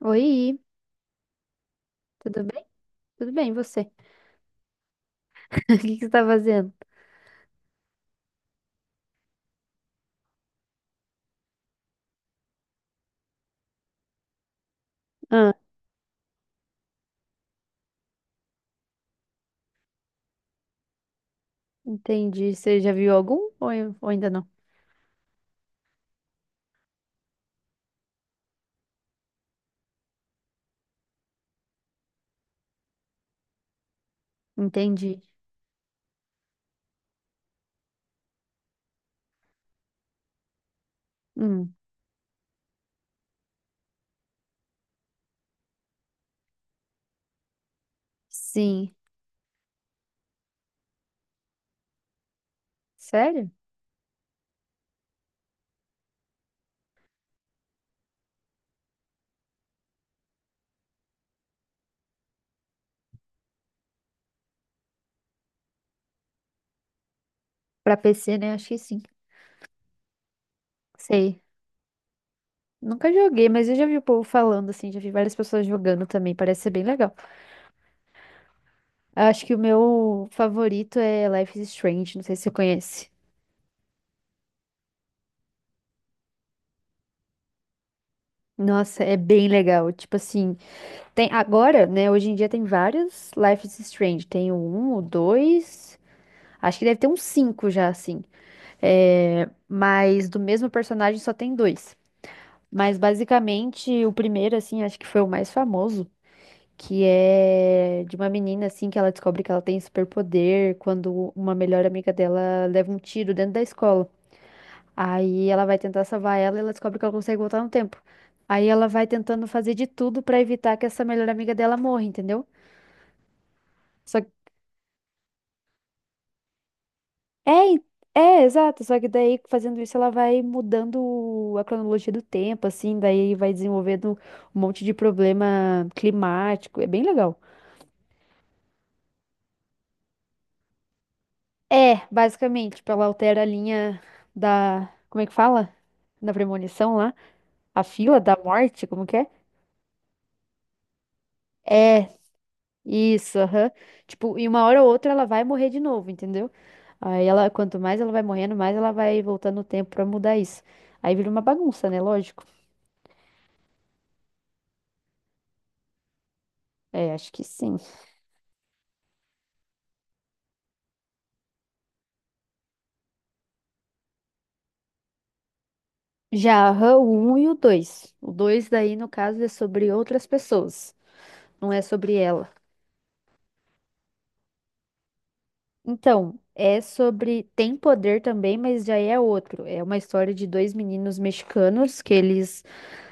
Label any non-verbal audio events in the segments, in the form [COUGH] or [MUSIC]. Oi, tudo bem? Tudo bem, e você? [LAUGHS] O que que você tá fazendo? Ah, entendi. Você já viu algum ou ainda não? Entendi. Hum, sim. Sério? Pra PC, né? Acho que sim. Sei. Nunca joguei, mas eu já vi o povo falando assim, já vi várias pessoas jogando também, parece ser bem legal. Acho que o meu favorito é Life is Strange, não sei se você conhece. Nossa, é bem legal. Tipo assim, tem agora, né? Hoje em dia tem vários Life is Strange. Tem o 1, o 2. Acho que deve ter uns cinco já, assim. É, mas do mesmo personagem só tem dois. Mas basicamente o primeiro, assim, acho que foi o mais famoso, que é de uma menina, assim, que ela descobre que ela tem superpoder quando uma melhor amiga dela leva um tiro dentro da escola. Aí ela vai tentar salvar ela e ela descobre que ela consegue voltar no tempo. Aí ela vai tentando fazer de tudo pra evitar que essa melhor amiga dela morra, entendeu? Só É, en- é, exato. Só que daí, fazendo isso, ela vai mudando a cronologia do tempo, assim, daí vai desenvolvendo um monte de problema climático. É bem legal. É, basicamente, tipo, ela altera a linha da. Como é que fala? Da premonição lá? A fila da morte, como que é? É, isso, aham. Tipo, em uma hora ou outra ela vai morrer de novo, entendeu? Aí ela, quanto mais ela vai morrendo, mais ela vai voltando o tempo pra mudar isso. Aí vira uma bagunça, né? Lógico. É, acho que sim. Já aham, o um e o 2. O 2 daí, no caso, é sobre outras pessoas, não é sobre ela. Então, é sobre. Tem poder também, mas já é outro. É uma história de dois meninos mexicanos que eles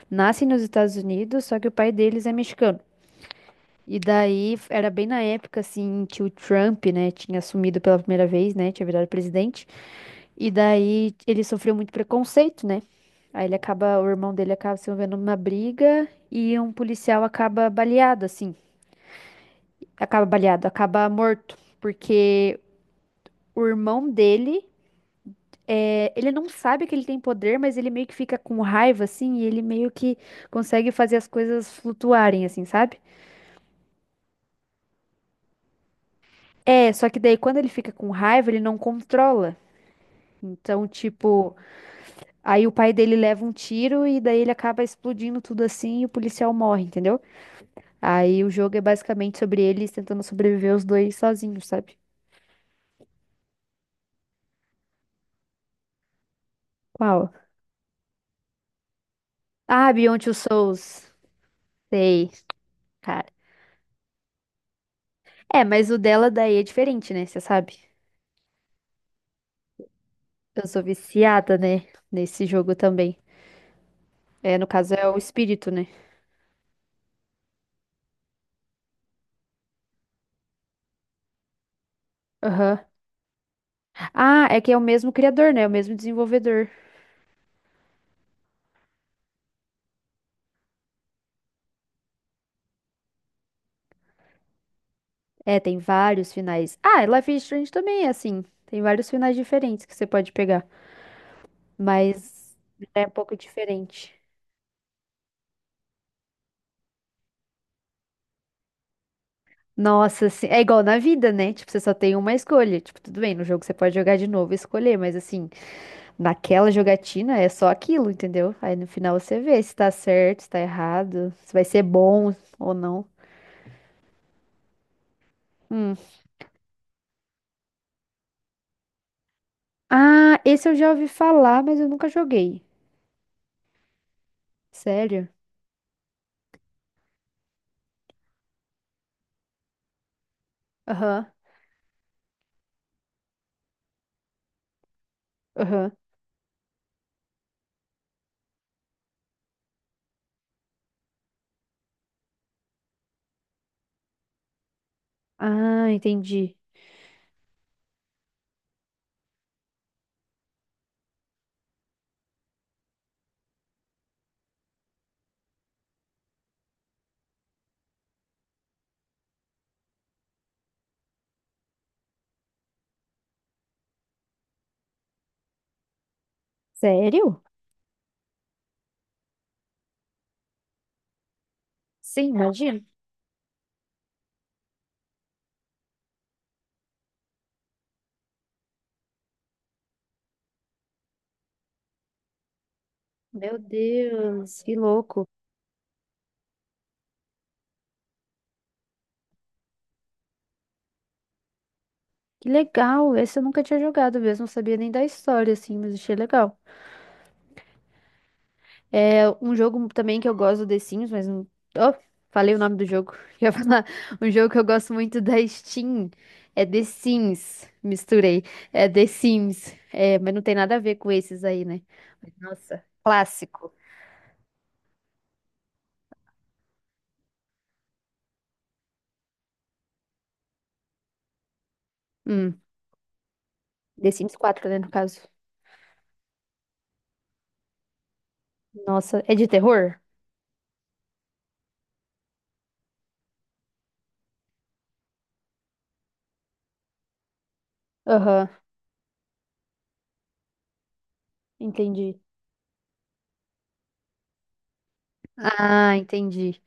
nascem nos Estados Unidos, só que o pai deles é mexicano. E daí, era bem na época, assim, que o Trump, né, tinha assumido pela primeira vez, né, tinha virado presidente. E daí ele sofreu muito preconceito, né? Aí ele acaba, o irmão dele acaba se envolvendo numa briga e um policial acaba baleado, assim. Acaba baleado, acaba morto. Porque o irmão dele, é, ele não sabe que ele tem poder, mas ele meio que fica com raiva, assim, e ele meio que consegue fazer as coisas flutuarem, assim, sabe? É, só que daí quando ele fica com raiva, ele não controla. Então, tipo, aí o pai dele leva um tiro e daí ele acaba explodindo tudo assim e o policial morre, entendeu? Aí o jogo é basicamente sobre eles tentando sobreviver os dois sozinhos, sabe? Qual? Ah, Beyond Two Souls. Sei, cara. É, mas o dela daí é diferente, né? Você sabe? Eu sou viciada, né? Nesse jogo também. É, no caso é o espírito, né? Aham. Ah, é que é o mesmo criador, né? É o mesmo desenvolvedor. É, tem vários finais. Ah, e Life is Strange também é assim. Tem vários finais diferentes que você pode pegar. Mas é um pouco diferente. Nossa, assim, é igual na vida, né? Tipo, você só tem uma escolha. Tipo, tudo bem, no jogo você pode jogar de novo e escolher, mas assim, naquela jogatina é só aquilo, entendeu? Aí no final você vê se tá certo, se tá errado, se vai ser bom ou não. Hum. Ah, esse eu já ouvi falar, mas eu nunca joguei. Sério? Aham, aham. Ah, entendi. Sério? Sim, imagina. Meu Deus, que louco. Que legal, esse eu nunca tinha jogado mesmo, não sabia nem da história, assim, mas achei legal. É um jogo também que eu gosto do The Sims, mas não. Oh, falei o nome do jogo. [LAUGHS] Ia falar. Um jogo que eu gosto muito da Steam. É The Sims. Misturei. É The Sims. É, mas não tem nada a ver com esses aí, né? Mas, nossa, clássico. Hum, The Sims 4, né, no caso. Nossa, é de terror? Aham, entendi. Ah, entendi.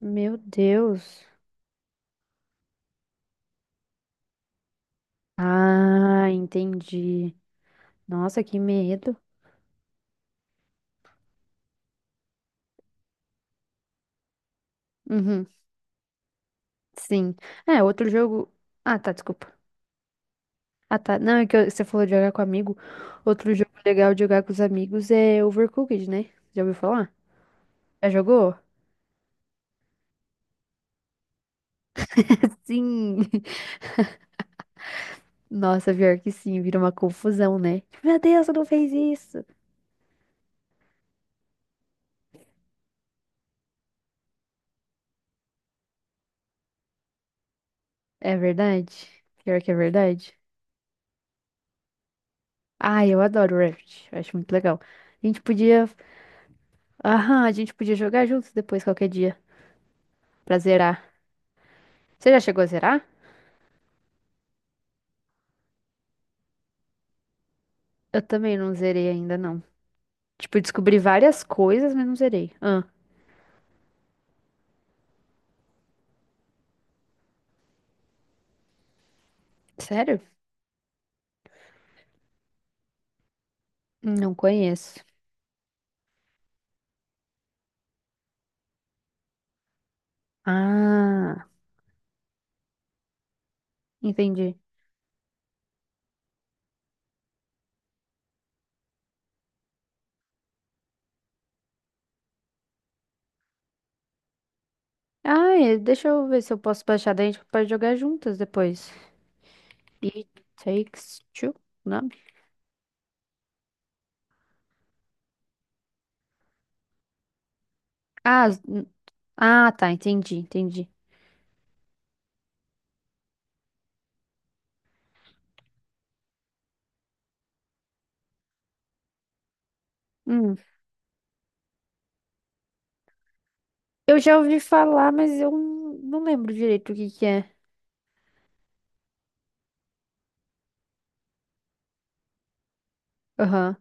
Meu Deus. Ah, entendi. Nossa, que medo. Uhum, sim. É, outro jogo. Ah, tá, desculpa. Ah, tá. Não, é que você falou de jogar com amigo. Outro jogo legal de jogar com os amigos é Overcooked, né? Já ouviu falar? Já jogou? Sim! [LAUGHS] Nossa, pior que sim, vira uma confusão, né? Tipo, meu Deus, você não fez isso! É verdade? Pior que é verdade? Ah, eu adoro Raft. Eu acho muito legal. A gente podia. Aham, a gente podia jogar juntos depois, qualquer dia, pra zerar. Você já chegou a zerar? Eu também não zerei ainda, não. Tipo, eu descobri várias coisas, mas não zerei. Ah, sério? Não conheço. Ah, entendi. Ah, é, deixa eu ver se eu posso baixar daí a gente pode jogar juntas depois. It Takes Two, não? Ah, ah, tá, entendi, entendi. Hum, eu já ouvi falar, mas eu não lembro direito o que que é. Aham.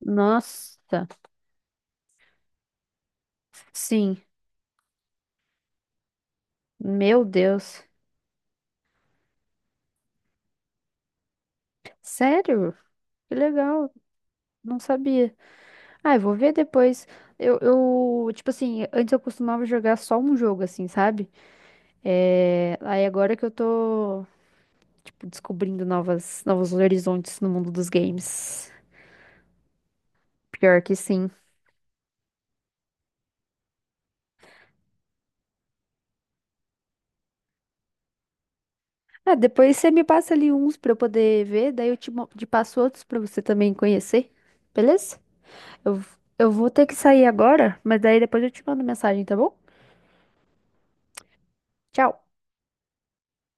Nossa, sim. Meu Deus. Sério? Que legal, não sabia. Ah, eu vou ver depois. Eu, tipo assim, antes eu costumava jogar só um jogo, assim, sabe? É. Aí agora que eu tô. Tipo, descobrindo novos horizontes no mundo dos games. Pior que sim. Ah, depois você me passa ali uns pra eu poder ver, daí eu te, te passo outros pra você também conhecer, beleza? Eu, eu vou ter que sair agora, mas daí depois eu te mando mensagem, tá bom? Tchau!